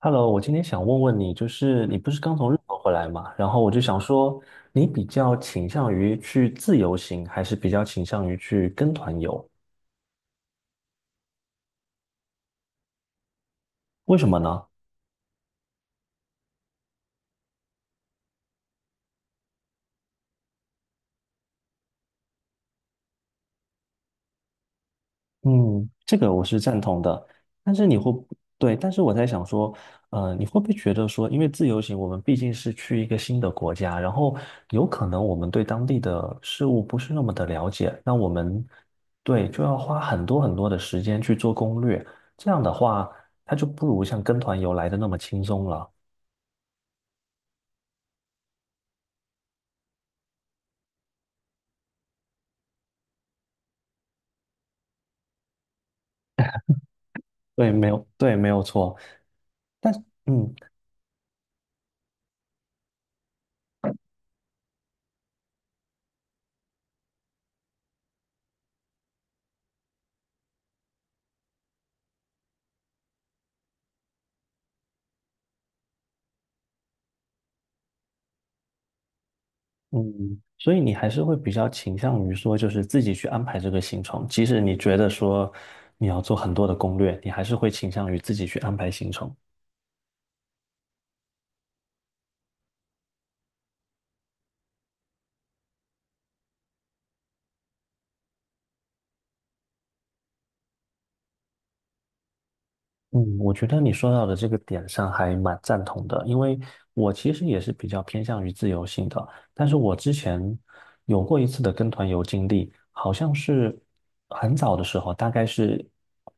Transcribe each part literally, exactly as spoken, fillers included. Hello，我今天想问问你，就是你不是刚从日本回来嘛？然后我就想说，你比较倾向于去自由行，还是比较倾向于去跟团游？为什么呢？嗯，这个我是赞同的，但是你会不对，但是我在想说，呃，你会不会觉得说，因为自由行，我们毕竟是去一个新的国家，然后有可能我们对当地的事物不是那么的了解，那我们对就要花很多很多的时间去做攻略，这样的话，它就不如像跟团游来的那么轻松了。对，没有，对，没有错。但嗯，嗯，所以你还是会比较倾向于说，就是自己去安排这个行程，即使你觉得说你要做很多的攻略，你还是会倾向于自己去安排行程。嗯，我觉得你说到的这个点上还蛮赞同的，因为我其实也是比较偏向于自由性的，但是我之前有过一次的跟团游经历，好像是很早的时候，大概是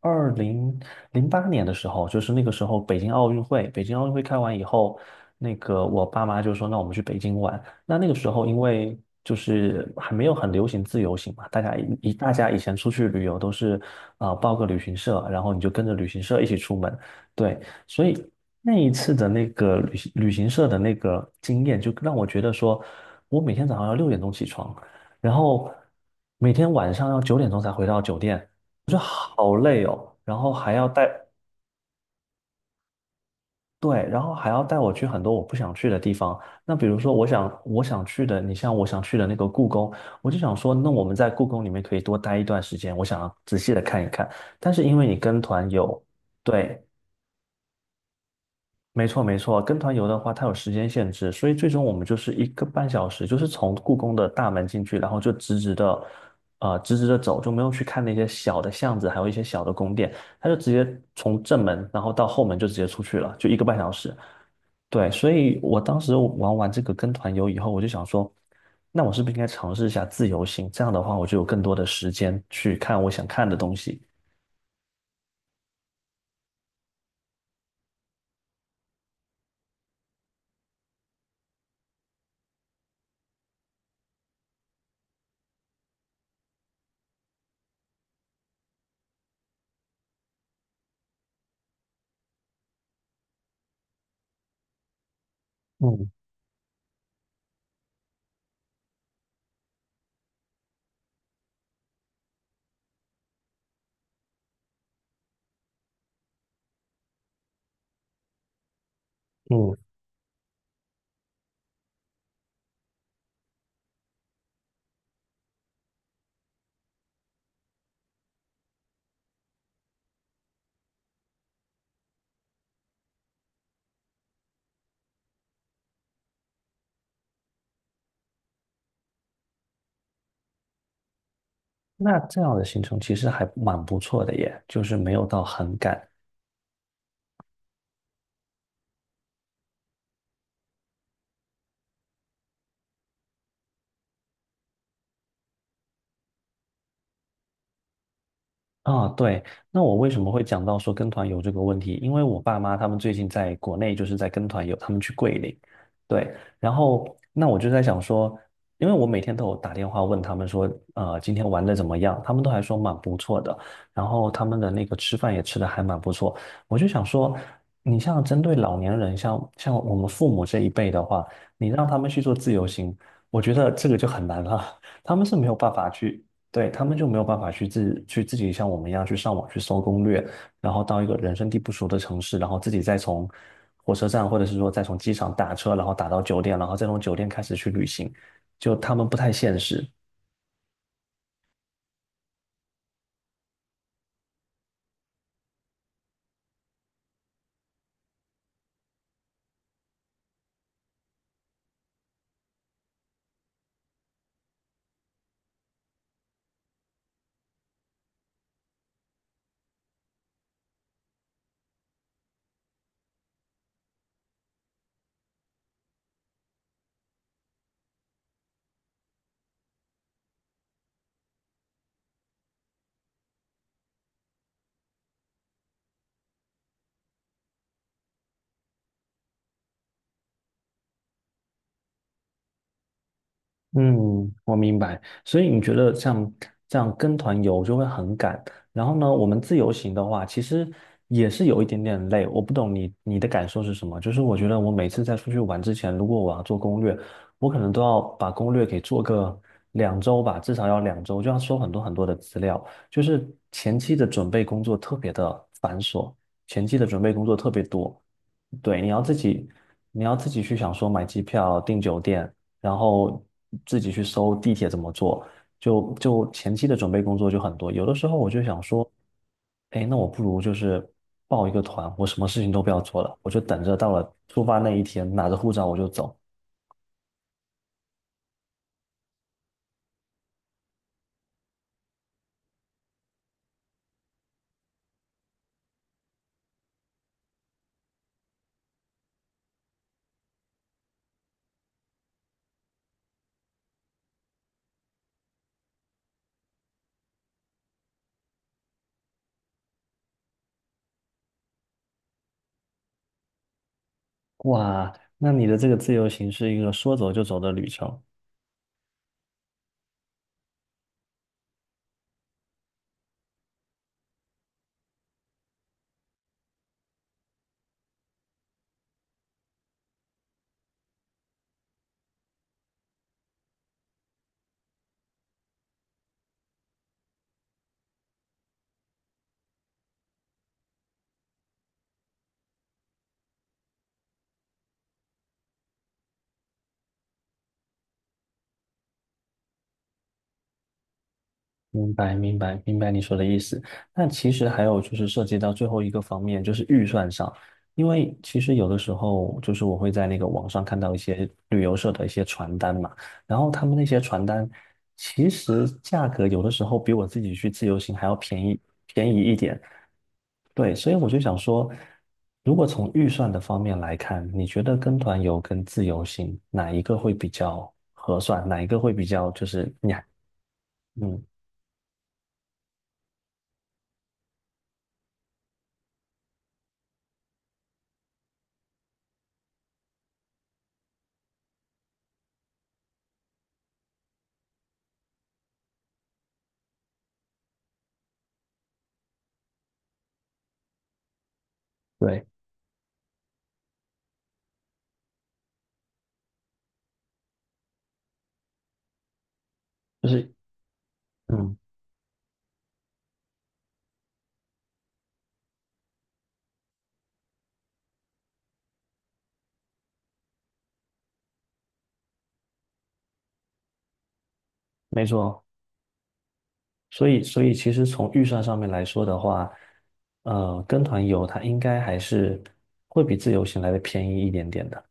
二零零八年的时候，就是那个时候北京奥运会，北京奥运会开完以后，那个我爸妈就说，那我们去北京玩，那那个时候，因为就是还没有很流行自由行嘛，大家以大家以前出去旅游都是啊、呃报个旅行社，然后你就跟着旅行社一起出门，对，所以那一次的那个旅行旅行社的那个经验，就让我觉得说，我每天早上要六点钟起床，然后每天晚上要九点钟才回到酒店，好累哦，然后还要带对，然后还要带我去很多我不想去的地方。那比如说，我想我想去的，你像我想去的那个故宫，我就想说，那我们在故宫里面可以多待一段时间，我想要仔细的看一看。但是因为你跟团游，对，没错没错，跟团游的话，它有时间限制，所以最终我们就是一个半小时，就是从故宫的大门进去，然后就直直的，呃，直直的走，就没有去看那些小的巷子，还有一些小的宫殿，他就直接从正门，然后到后门就直接出去了，就一个半小时。对，所以我当时玩完这个跟团游以后，我就想说，那我是不是应该尝试一下自由行？这样的话，我就有更多的时间去看我想看的东西。嗯嗯那这样的行程其实还蛮不错的耶，就是没有到很赶，啊，对，那我为什么会讲到说跟团游这个问题？因为我爸妈他们最近在国内就是在跟团游，他们去桂林，对，然后那我就在想说，因为我每天都有打电话问他们说，呃，今天玩的怎么样？他们都还说蛮不错的，然后他们的那个吃饭也吃的还蛮不错，我就想说，你像针对老年人，像像我们父母这一辈的话，你让他们去做自由行，我觉得这个就很难了。他们是没有办法去对，他们就没有办法去自去自己像我们一样去上网去搜攻略，然后到一个人生地不熟的城市，然后自己再从火车站或者是说再从机场打车，然后打到酒店，然后再从酒店开始去旅行，就他们不太现实。嗯，我明白。所以你觉得像这样跟团游就会很赶，然后呢，我们自由行的话，其实也是有一点点累。我不懂你你的感受是什么？就是我觉得我每次在出去玩之前，如果我要做攻略，我可能都要把攻略给做个两周吧，至少要两周，就要搜很多很多的资料，就是前期的准备工作特别的繁琐，前期的准备工作特别多。对，你要自己，你要自己去想说买机票、订酒店。然后自己去搜地铁怎么做，就就前期的准备工作就很多。有的时候我就想说，哎，那我不如就是报一个团，我什么事情都不要做了，我就等着到了出发那一天，拿着护照我就走。哇，那你的这个自由行是一个说走就走的旅程。明白，明白，明白你说的意思。那其实还有就是涉及到最后一个方面，就是预算上。因为其实有的时候，就是我会在那个网上看到一些旅游社的一些传单嘛，然后他们那些传单其实价格有的时候比我自己去自由行还要便宜便宜一点。对，所以我就想说，如果从预算的方面来看，你觉得跟团游跟自由行哪一个会比较合算？哪一个会比较就是你还嗯对。就是。嗯，没错，所以所以其实从预算上面来说的话，呃，跟团游它应该还是会比自由行来的便宜一点点的。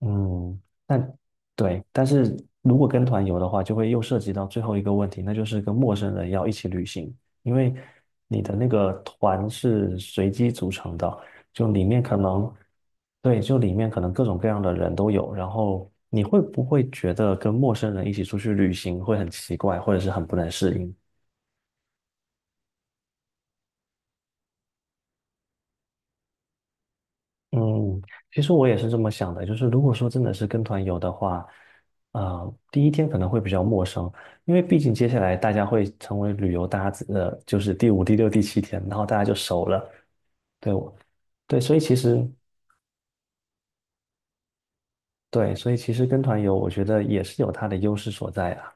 嗯，但对，但是如果跟团游的话，就会又涉及到最后一个问题，那就是跟陌生人要一起旅行，因为你的那个团是随机组成的，就里面可能，对，就里面可能各种各样的人都有，然后你会不会觉得跟陌生人一起出去旅行会很奇怪，或者是很不能适应？嗯，其实我也是这么想的，就是如果说真的是跟团游的话，啊，第一天可能会比较陌生，因为毕竟接下来大家会成为旅游搭子，呃，就是第五、第六、第七天，然后大家就熟了。对，我，对，所以其实对，所以其实跟团游，我觉得也是有它的优势所在啊。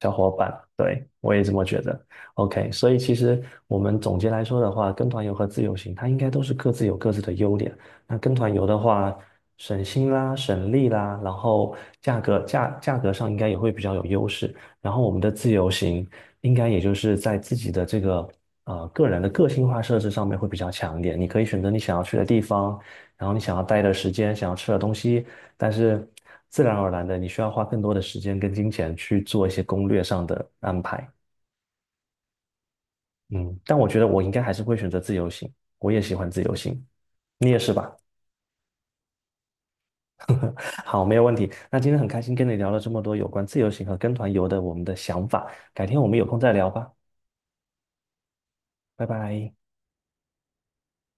小伙伴，对，我也这么觉得。OK，所以其实我们总结来说的话，跟团游和自由行，它应该都是各自有各自的优点。那跟团游的话，省心啦，省力啦，然后价格价价格上应该也会比较有优势。然后我们的自由行，应该也就是在自己的这个呃个人的个性化设置上面会比较强一点。你可以选择你想要去的地方，然后你想要待的时间，想要吃的东西，但是自然而然的，你需要花更多的时间跟金钱去做一些攻略上的安排。嗯，但我觉得我应该还是会选择自由行，我也喜欢自由行，你也是吧？好，没有问题。那今天很开心跟你聊了这么多有关自由行和跟团游的我们的想法，改天我们有空再聊吧，拜拜。